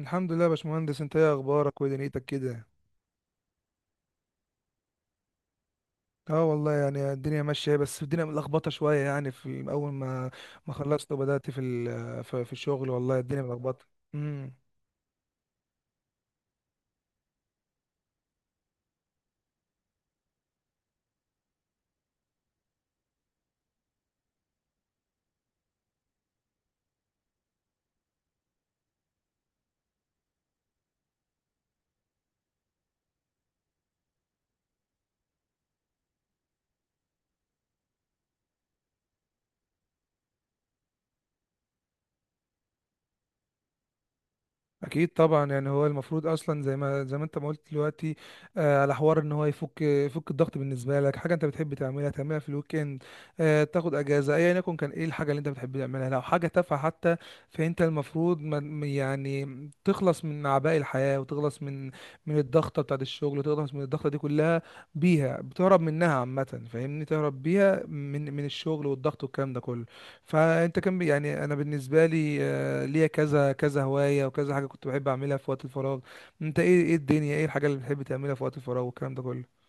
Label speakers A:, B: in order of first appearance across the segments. A: الحمد لله يا باشمهندس، انت ايه اخبارك ودنيتك كده؟ اه والله الدنيا ماشيه، بس الدنيا ملخبطه شويه. في اول ما خلصت وبدات في الشغل، والله الدنيا ملخبطه. امم اكيد طبعا. هو المفروض اصلا زي ما انت ما قلت دلوقتي، آه، على حوار ان هو يفك الضغط. بالنسبه لك حاجه انت بتحب تعملها، تعملها في الويك اند، آه، تاخد اجازه. ايا يكن كان ايه الحاجه اللي انت بتحب تعملها، لو حاجه تافهه حتى. فانت المفروض ما تخلص من اعباء الحياه، وتخلص من الضغطه بتاعت الشغل، وتخلص من الضغطه دي كلها. بيها بتهرب منها عامه، فاهمني، تهرب بيها من الشغل والضغط والكلام ده كله. فانت كان بي- يعني انا بالنسبه لي آه، ليا كذا كذا هوايه وكذا حاجه كنت بحب اعملها في وقت الفراغ. انت ايه، ايه الدنيا، ايه الحاجه اللي بتحب تعملها في وقت الفراغ والكلام ده كله؟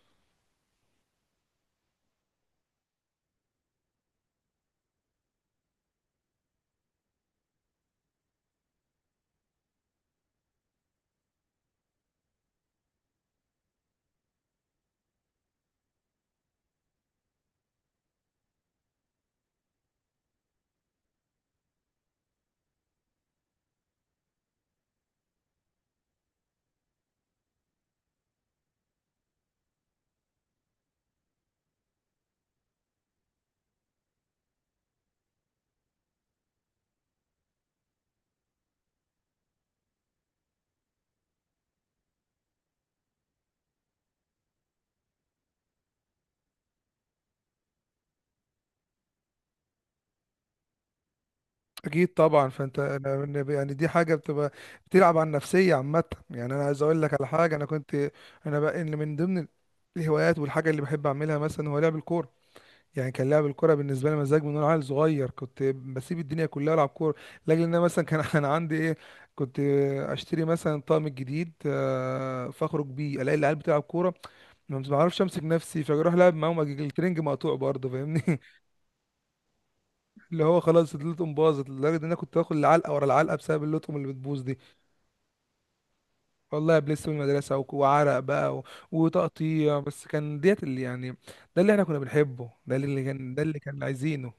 A: اكيد طبعا. فانت دي حاجه بتبقى بتلعب على النفسيه عامه. انا عايز اقول لك على حاجه. انا كنت انا بقى إن من ضمن الهوايات والحاجه اللي بحب اعملها مثلا هو لعب الكوره. كان لعب الكرة بالنسبة لي مزاج. من وانا عيل صغير كنت بسيب الدنيا كلها العب كورة. لاجل ان انا مثلا كان انا عندي ايه، كنت اشتري مثلا طقم جديد، آه، فاخرج بيه الاقي العيال بتلعب كورة، ما بعرفش امسك نفسي فاروح العب معاهم، أجي الترنج مقطوع برضه، فاهمني. اللي هو خلاص اللطم باظت لدرجة ان انا كنت باخد العلقة ورا العلقة بسبب اللطم اللي بتبوظ دي. والله بلس من المدرسة وعرق بقى وتقطيع، بس كان ديت اللي ده اللي احنا كنا بنحبه، ده اللي كان، ده اللي كان عايزينه.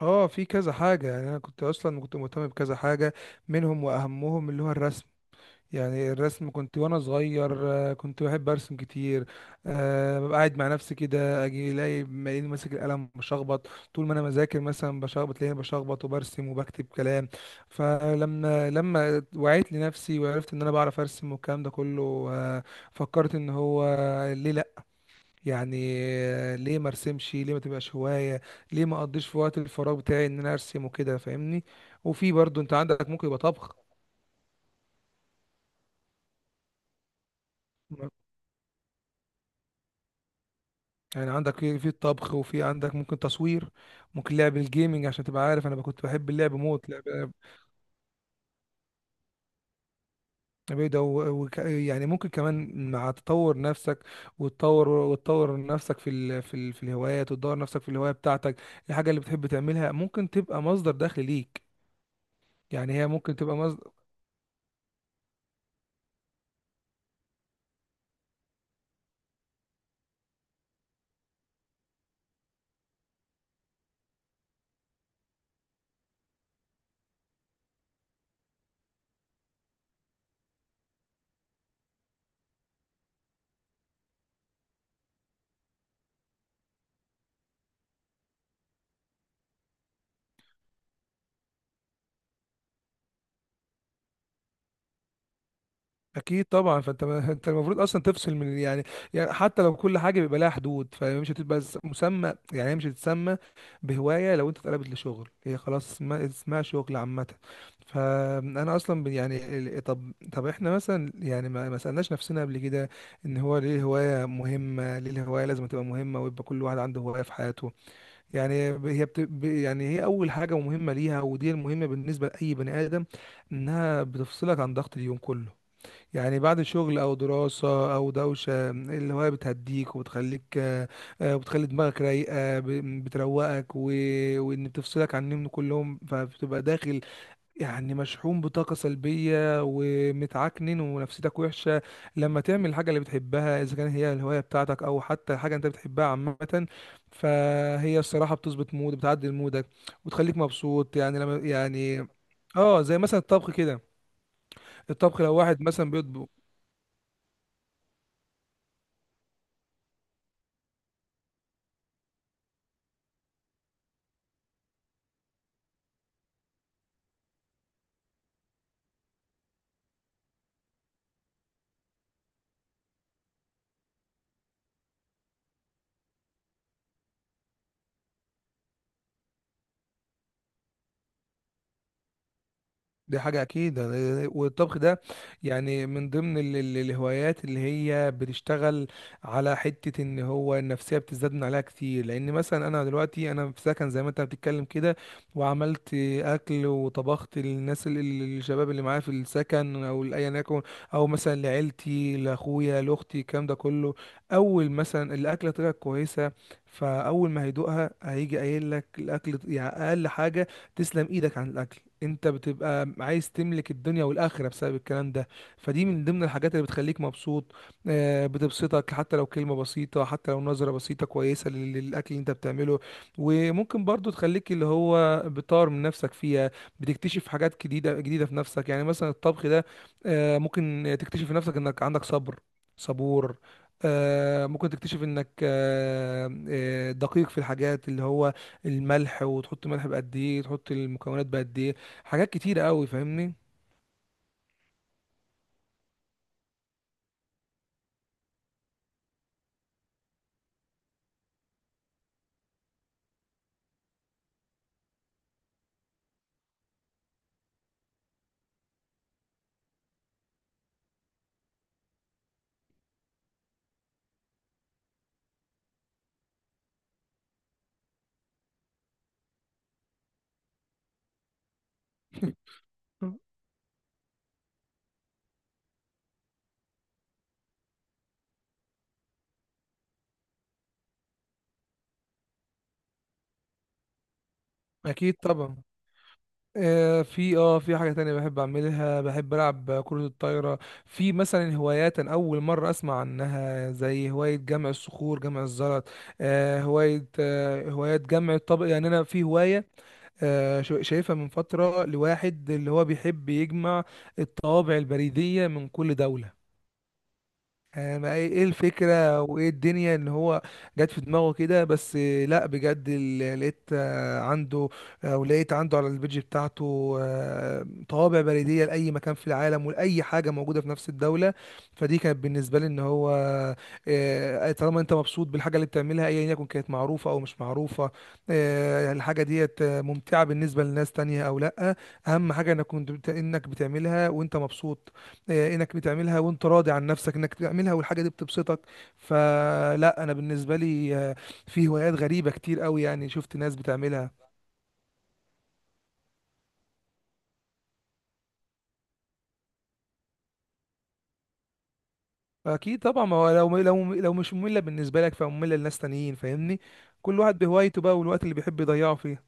A: اه، في كذا حاجة. انا كنت اصلا كنت مهتم بكذا حاجة، منهم واهمهم اللي هو الرسم. الرسم كنت وانا صغير آه، كنت بحب ارسم كتير. أه، ببقى قاعد مع نفسي كده، اجي الاقي مالين ماسك القلم بشخبط. طول ما انا بذاكر مثلا بشخبط، تلاقيني بشخبط وبرسم وبكتب كلام. فلما وعيت لنفسي وعرفت ان انا بعرف ارسم والكلام ده كله، آه، فكرت ان هو ليه لا، يعني ليه ما ارسمش، ليه ما تبقاش هواية، ليه ما اقضيش في وقت الفراغ بتاعي ان انا ارسم وكده، فاهمني. وفي برضو انت عندك ممكن يبقى طبخ. عندك في الطبخ، وفي عندك ممكن تصوير، ممكن لعب الجيمنج، عشان تبقى عارف انا كنت بحب اللعب موت لعب. بعيدة و... و... يعني ممكن كمان مع تطور نفسك وتطور نفسك في الهوايات، وتدور نفسك في الهواية بتاعتك. الحاجة اللي بتحب تعملها ممكن تبقى مصدر دخل ليك. هي ممكن تبقى. اكيد طبعا. فانت ما انت المفروض اصلا تفصل من، حتى لو كل حاجه بيبقى لها حدود، فمش هتبقى مسمى. هي مش هتتسمى بهوايه. لو انت اتقلبت لشغل، هي خلاص اسمها شغل عامه. فانا اصلا طب احنا مثلا ما سالناش نفسنا قبل كده ان هو ليه الهوايه مهمه، ليه الهوايه لازم تبقى مهمه ويبقى كل واحد عنده هوايه في حياته. ب- هي بت... ب- يعني هي اول حاجه مهمه ليها، ودي المهمه بالنسبه لاي بني ادم، انها بتفصلك عن ضغط اليوم كله. بعد شغل او دراسة او دوشة، الهواية بتهديك وبتخليك، آه، آه، وبتخلي دماغك رايقة، بتروقك و... وان بتفصلك عن النوم كلهم. فبتبقى داخل مشحون بطاقة سلبية ومتعكنن ونفسيتك وحشة. لما تعمل الحاجة اللي بتحبها، اذا كانت هي الهواية بتاعتك او حتى حاجة انت بتحبها عامة، فهي الصراحة بتظبط مود، بتعدل مودك وتخليك مبسوط. يعني لما يعني اه، زي مثلا الطبخ كده. الطبخ لو واحد مثلا بيطبخ، دي حاجة أكيد. والطبخ ده، من ضمن الهوايات اللي هي بتشتغل على حتة إن هو النفسية بتزداد من عليها كتير. لأن مثلا أنا دلوقتي أنا في سكن، زي ما أنت بتتكلم كده، وعملت أكل وطبخت للناس الشباب اللي معايا في السكن، أو لأيا يكن، أو مثلا لعيلتي، لأخويا، لأختي، الكلام ده كله. أول مثلا الأكلة طلعت كويسة، فأول ما هيدوقها هيجي قايل لك الأكل، أقل حاجة تسلم ايدك عن الاكل، انت بتبقى عايز تملك الدنيا والاخره بسبب الكلام ده. فدي من ضمن الحاجات اللي بتخليك مبسوط، آه، بتبسطك، حتى لو كلمه بسيطه، حتى لو نظره بسيطه كويسه للاكل اللي انت بتعمله. وممكن برضو تخليك اللي هو بتطور من نفسك فيها، بتكتشف حاجات جديده في نفسك. مثلا الطبخ ده، آه، ممكن تكتشف في نفسك انك عندك صبر، صبور، آه، ممكن تكتشف انك آه، آه، دقيق في الحاجات اللي هو الملح، وتحط ملح بقد ايه، تحط المكونات بقد ايه، حاجات كتيرة قوي، فاهمني. اكيد طبعا. آه، في حاجة تانية بحب اعملها، بحب العب كرة الطايرة. في مثلا هوايات أنا اول مرة اسمع عنها، زي هواية جمع الصخور، جمع الزلط، آه، هواية جمع الطبق. انا في هواية آه شايفها من فترة، لواحد اللي هو بيحب يجمع الطوابع البريدية من كل دولة. آه، ما ايه، إيه الفكرة وايه الدنيا ان هو جت في دماغه كده؟ بس آه، لا بجد، لقيت آه، عنده، او لقيت عنده على البيج بتاعته آه، طوابع بريدية لأي مكان في العالم، ولأي حاجة موجودة في نفس الدولة. فدي كانت بالنسبة لي ان هو آه، آه، طالما انت مبسوط بالحاجة اللي بتعملها، ايا يكن كانت معروفة او مش معروفة، آه، الحاجة ديت آه، ممتعة بالنسبة لناس تانية او لا، اهم حاجة انك انك بتعملها وانت مبسوط، آه، انك بتعملها وانت راضي عن نفسك، انك بتعملها والحاجه دي بتبسطك. فلا انا بالنسبه لي آه، في هوايات غريبه كتير قوي، شفت ناس بتعملها. اكيد طبعا. ما هو لو مش ممله بالنسبه لك، فممله لناس تانيين، فاهمني. كل واحد بهوايته بقى، والوقت اللي بيحب يضيعه فيه.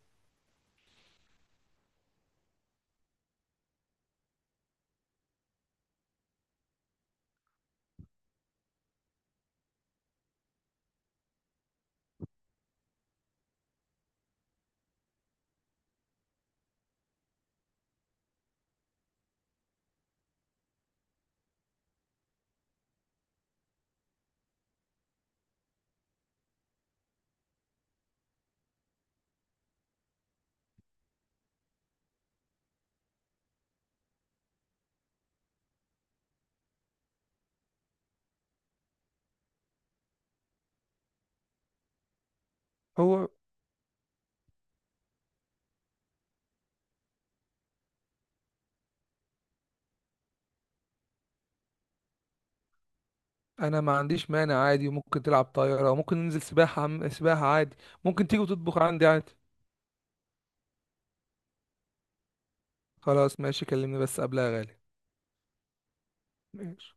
A: هو انا ما عنديش مانع، عادي، وممكن تلعب طايره، وممكن ننزل سباحه، سباحه عادي، ممكن تيجي وتطبخ عندي عادي. خلاص، ماشي، كلمني بس قبلها يا غالي. ماشي.